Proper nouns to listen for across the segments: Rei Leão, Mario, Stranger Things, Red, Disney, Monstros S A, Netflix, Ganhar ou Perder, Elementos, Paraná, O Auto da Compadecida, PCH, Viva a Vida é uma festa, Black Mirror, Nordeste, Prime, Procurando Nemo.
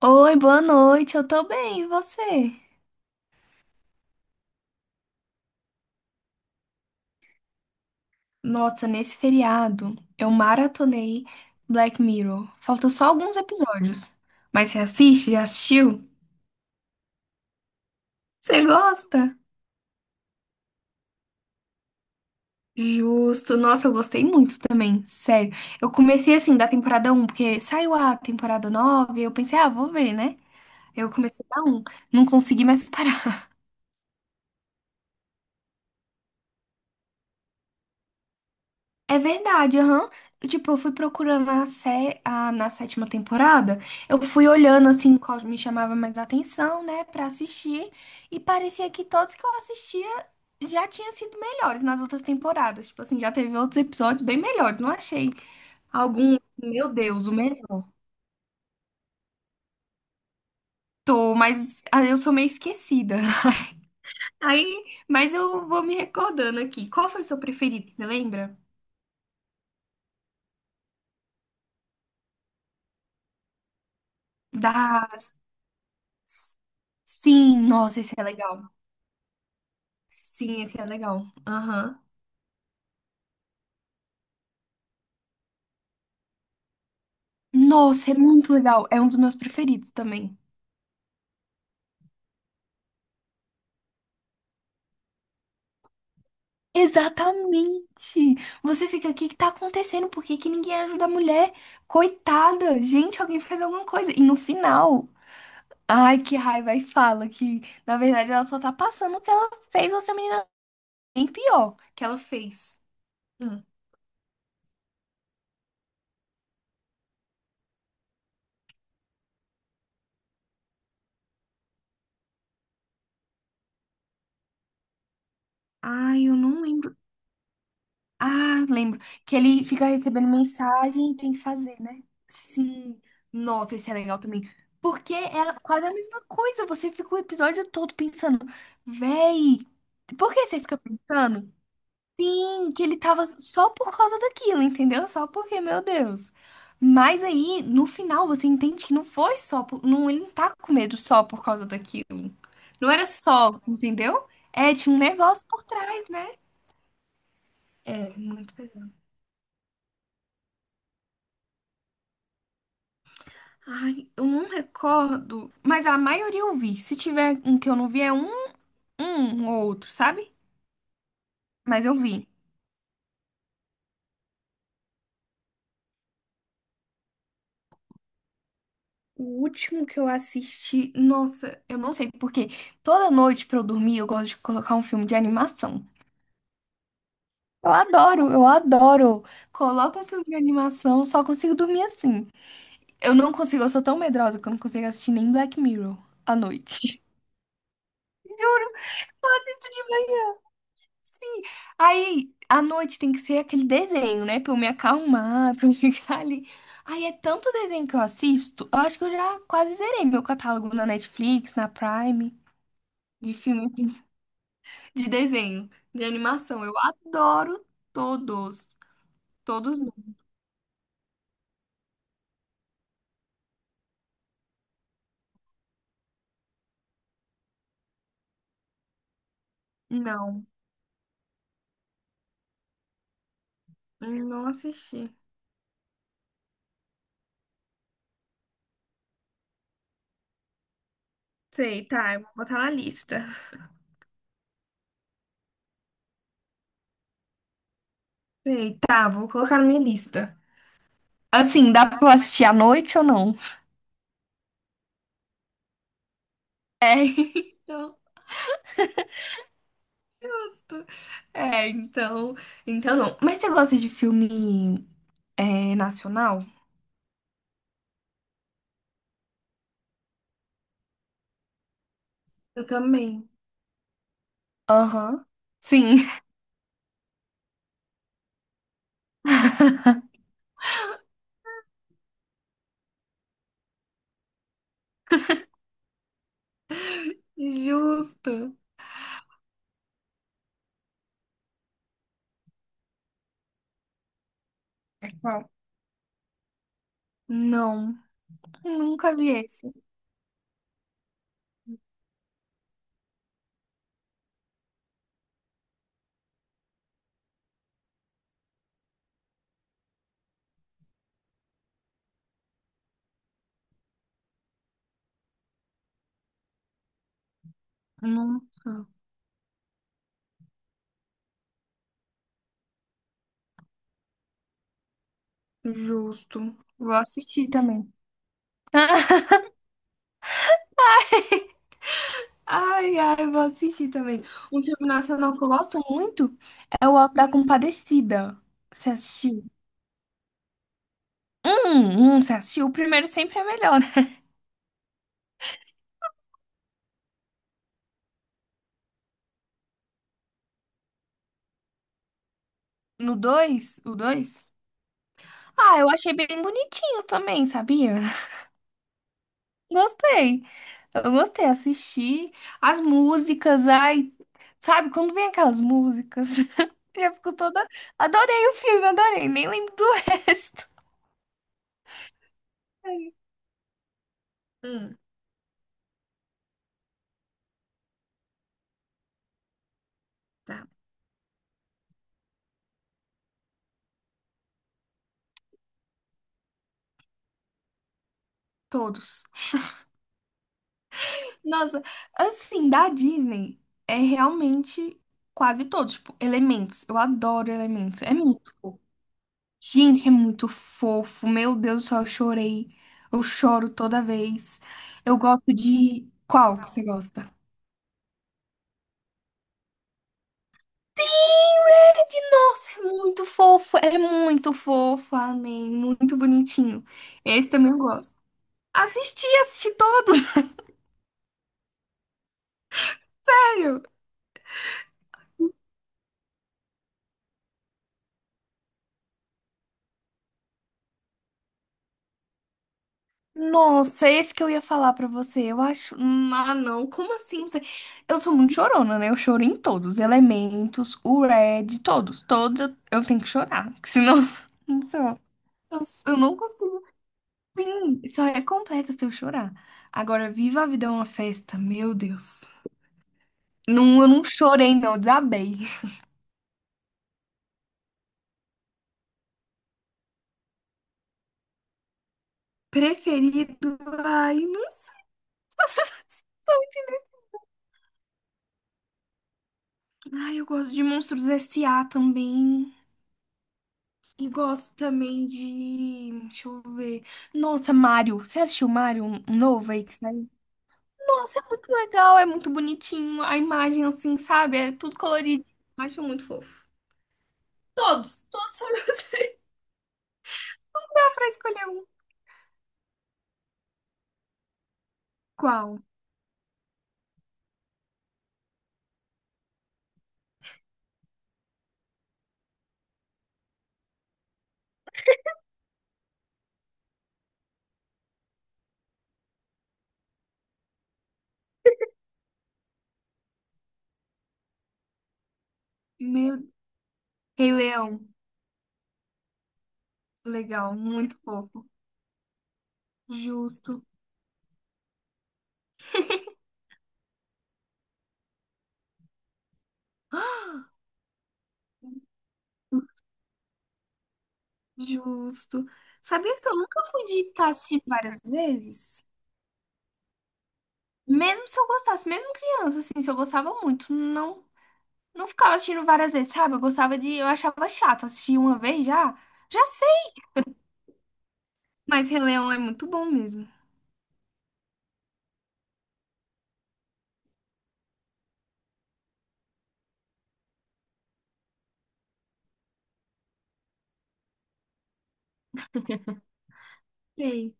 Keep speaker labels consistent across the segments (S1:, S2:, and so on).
S1: Oi, boa noite, eu tô bem, e você? Nossa, nesse feriado eu maratonei Black Mirror. Faltam só alguns episódios. Mas você assiste? Já assistiu? Você gosta? Justo. Nossa, eu gostei muito também, sério. Eu comecei assim da temporada um porque saiu a temporada 9. Eu pensei, ah, vou ver, né? Eu comecei da um. Não consegui mais parar. É verdade, aham. Tipo, eu fui procurando na sétima temporada, eu fui olhando assim qual me chamava mais atenção, né, pra assistir, e parecia que todos que eu assistia já tinham sido melhores nas outras temporadas. Tipo assim, já teve outros episódios bem melhores, não achei algum, meu Deus, o melhor. Tô, mas ah, eu sou meio esquecida. Aí, mas eu vou me recordando aqui. Qual foi o seu preferido, você lembra? Da. Sim, nossa, esse é legal. Sim, esse é legal. Aham. Nossa, é muito legal. É um dos meus preferidos também. Exatamente. Você fica, o que que tá acontecendo? Por que que ninguém ajuda a mulher? Coitada. Gente, alguém faz alguma coisa. E no final, ai, que raiva. E fala que, na verdade, ela só tá passando o que ela fez outra menina bem pior que ela fez. Hum. Ai, eu não lembro. Ah, lembro. Que ele fica recebendo mensagem e tem que fazer, né? Sim. Nossa, esse é legal também. Porque é quase a mesma coisa. Você fica o episódio todo pensando, véi, por que você fica pensando? Sim, que ele tava só por causa daquilo, entendeu? Só porque, meu Deus. Mas aí, no final, você entende que não foi só por... Não, ele não tá com medo só por causa daquilo. Não era só, entendeu? É, tinha um negócio por trás, né? É, muito pesado. Ai, eu não recordo, mas a maioria eu vi. Se tiver um que eu não vi, é um, um ou outro, sabe? Mas eu vi. O último que eu assisti, nossa, eu não sei porque toda noite pra eu dormir eu gosto de colocar um filme de animação. Eu adoro, eu adoro. Coloco um filme de animação, só consigo dormir assim. Eu não consigo, eu sou tão medrosa que eu não consigo assistir nem Black Mirror à noite. Juro, isso. Sim. Aí, à noite tem que ser aquele desenho, né? Pra eu me acalmar, pra eu ficar ali. Aí é tanto desenho que eu assisto, eu acho que eu já quase zerei meu catálogo na Netflix, na Prime, de filme, assim, de desenho, de animação. Eu adoro todos. Todos mesmo. Não, não assisti. Sei, tá, eu vou botar na lista. Sei, tá, vou colocar na minha lista. Assim, dá pra eu assistir à noite ou não? É, então. É, então. Então não. Mas você gosta de filme, é, nacional? Eu também. Aham. Sim. Justo. É qual? Não, nunca vi esse. Nunca. Justo. Vou assistir também. Ai, ai, vou assistir também. Um filme nacional que eu gosto muito é O Auto da Compadecida. Você assistiu? Você assistiu? O primeiro sempre é melhor, né? No dois. O 2. Ah, eu achei bem bonitinho também, sabia? Gostei. Eu gostei, assisti as músicas, ai, sabe, quando vem aquelas músicas, eu já fico toda. Adorei o filme, adorei, nem lembro do resto. Ai, Hum, tá, todos. Nossa, assim, da Disney é realmente quase todos, tipo, Elementos. Eu adoro Elementos, é muito. Gente, é muito fofo. Meu Deus do céu, eu chorei. Eu choro toda vez. Eu gosto de. Qual que você gosta? Red, nossa, é muito fofo. É muito fofo, amém. Muito bonitinho. Esse também eu gosto. Assisti todos, sério. Nossa, esse que eu ia falar pra você. Eu acho. Ah, não. Como assim? Você... Eu sou muito chorona, né? Eu choro em todos. Elementos, o Red, todos. Todos eu tenho que chorar. Que senão, não sei. Eu eu não consigo. Não. Só é completa se eu chorar. Agora, Viva a Vida é uma festa, meu Deus. Não, eu não chorei, não, eu desabei. Preferido, ai, não sei. Ai, eu gosto de Monstros S.A. também. E gosto também de. Deixa eu ver. Nossa, Mario. Você assistiu Mario um novo aí que saiu? Nossa, é muito legal, é muito bonitinho. A imagem, assim, sabe? É tudo colorido. Acho muito fofo. Todos, todos são meus. Dá pra escolher um. Qual? Meu Rei Leão, legal, muito fofo. Justo, Ah, justo. Sabia que eu nunca fui de ficar assistindo várias vezes? Mesmo se eu gostasse, mesmo criança, assim, se eu gostava muito, não, não ficava assistindo várias vezes, sabe? Eu gostava de, eu achava chato assistir uma vez já, já sei. Mas Rei Leão é muito bom mesmo. Sei.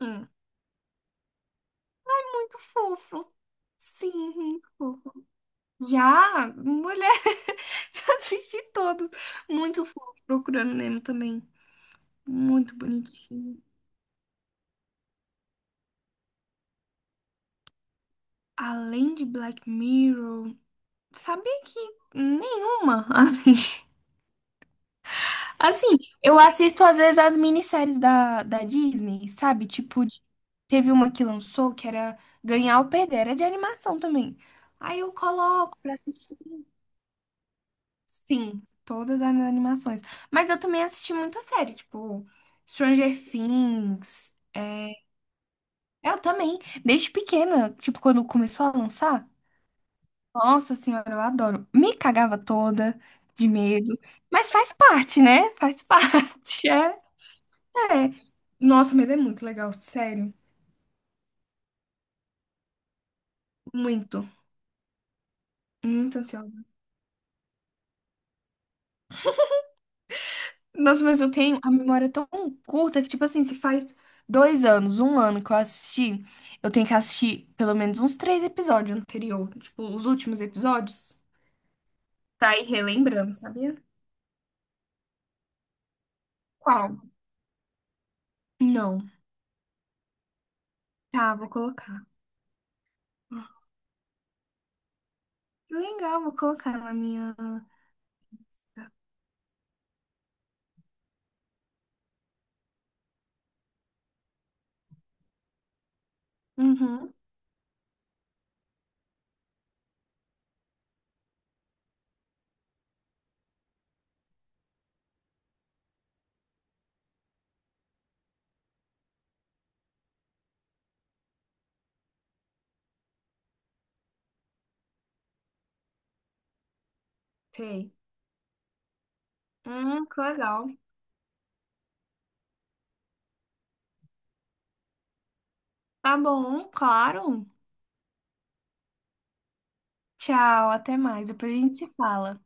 S1: Hum. Muito fofo. Sim, muito fofo. Já, mulher, já assisti todos. Muito fofo. Procurando Nemo também. Muito bonitinho. Além de Black Mirror, sabia que nenhuma. Assim, assim, eu assisto às vezes as minisséries da Disney, sabe? Tipo, teve uma que lançou que era Ganhar ou Perder, era de animação também. Aí eu coloco pra assistir. Sim, todas as animações. Mas eu também assisti muita série, tipo, Stranger Things. Eu também, desde pequena, tipo, quando começou a lançar. Nossa senhora, eu adoro. Me cagava toda de medo, mas faz parte, né? Faz parte. É, é. Nossa, mas é muito legal, sério. Muito, muito ansiosa. Nossa, mas eu tenho a memória tão curta que, tipo assim, se faz 2 anos, um ano que eu assisti, eu tenho que assistir pelo menos uns três episódios anterior, tipo, os últimos episódios, pra ir relembrando, sabia? Qual? Não. Tá, vou colocar. Que legal, vou colocar na minha. Uhum. Sei. Que legal. Tá bom, claro. Tchau, até mais. Depois a gente se fala.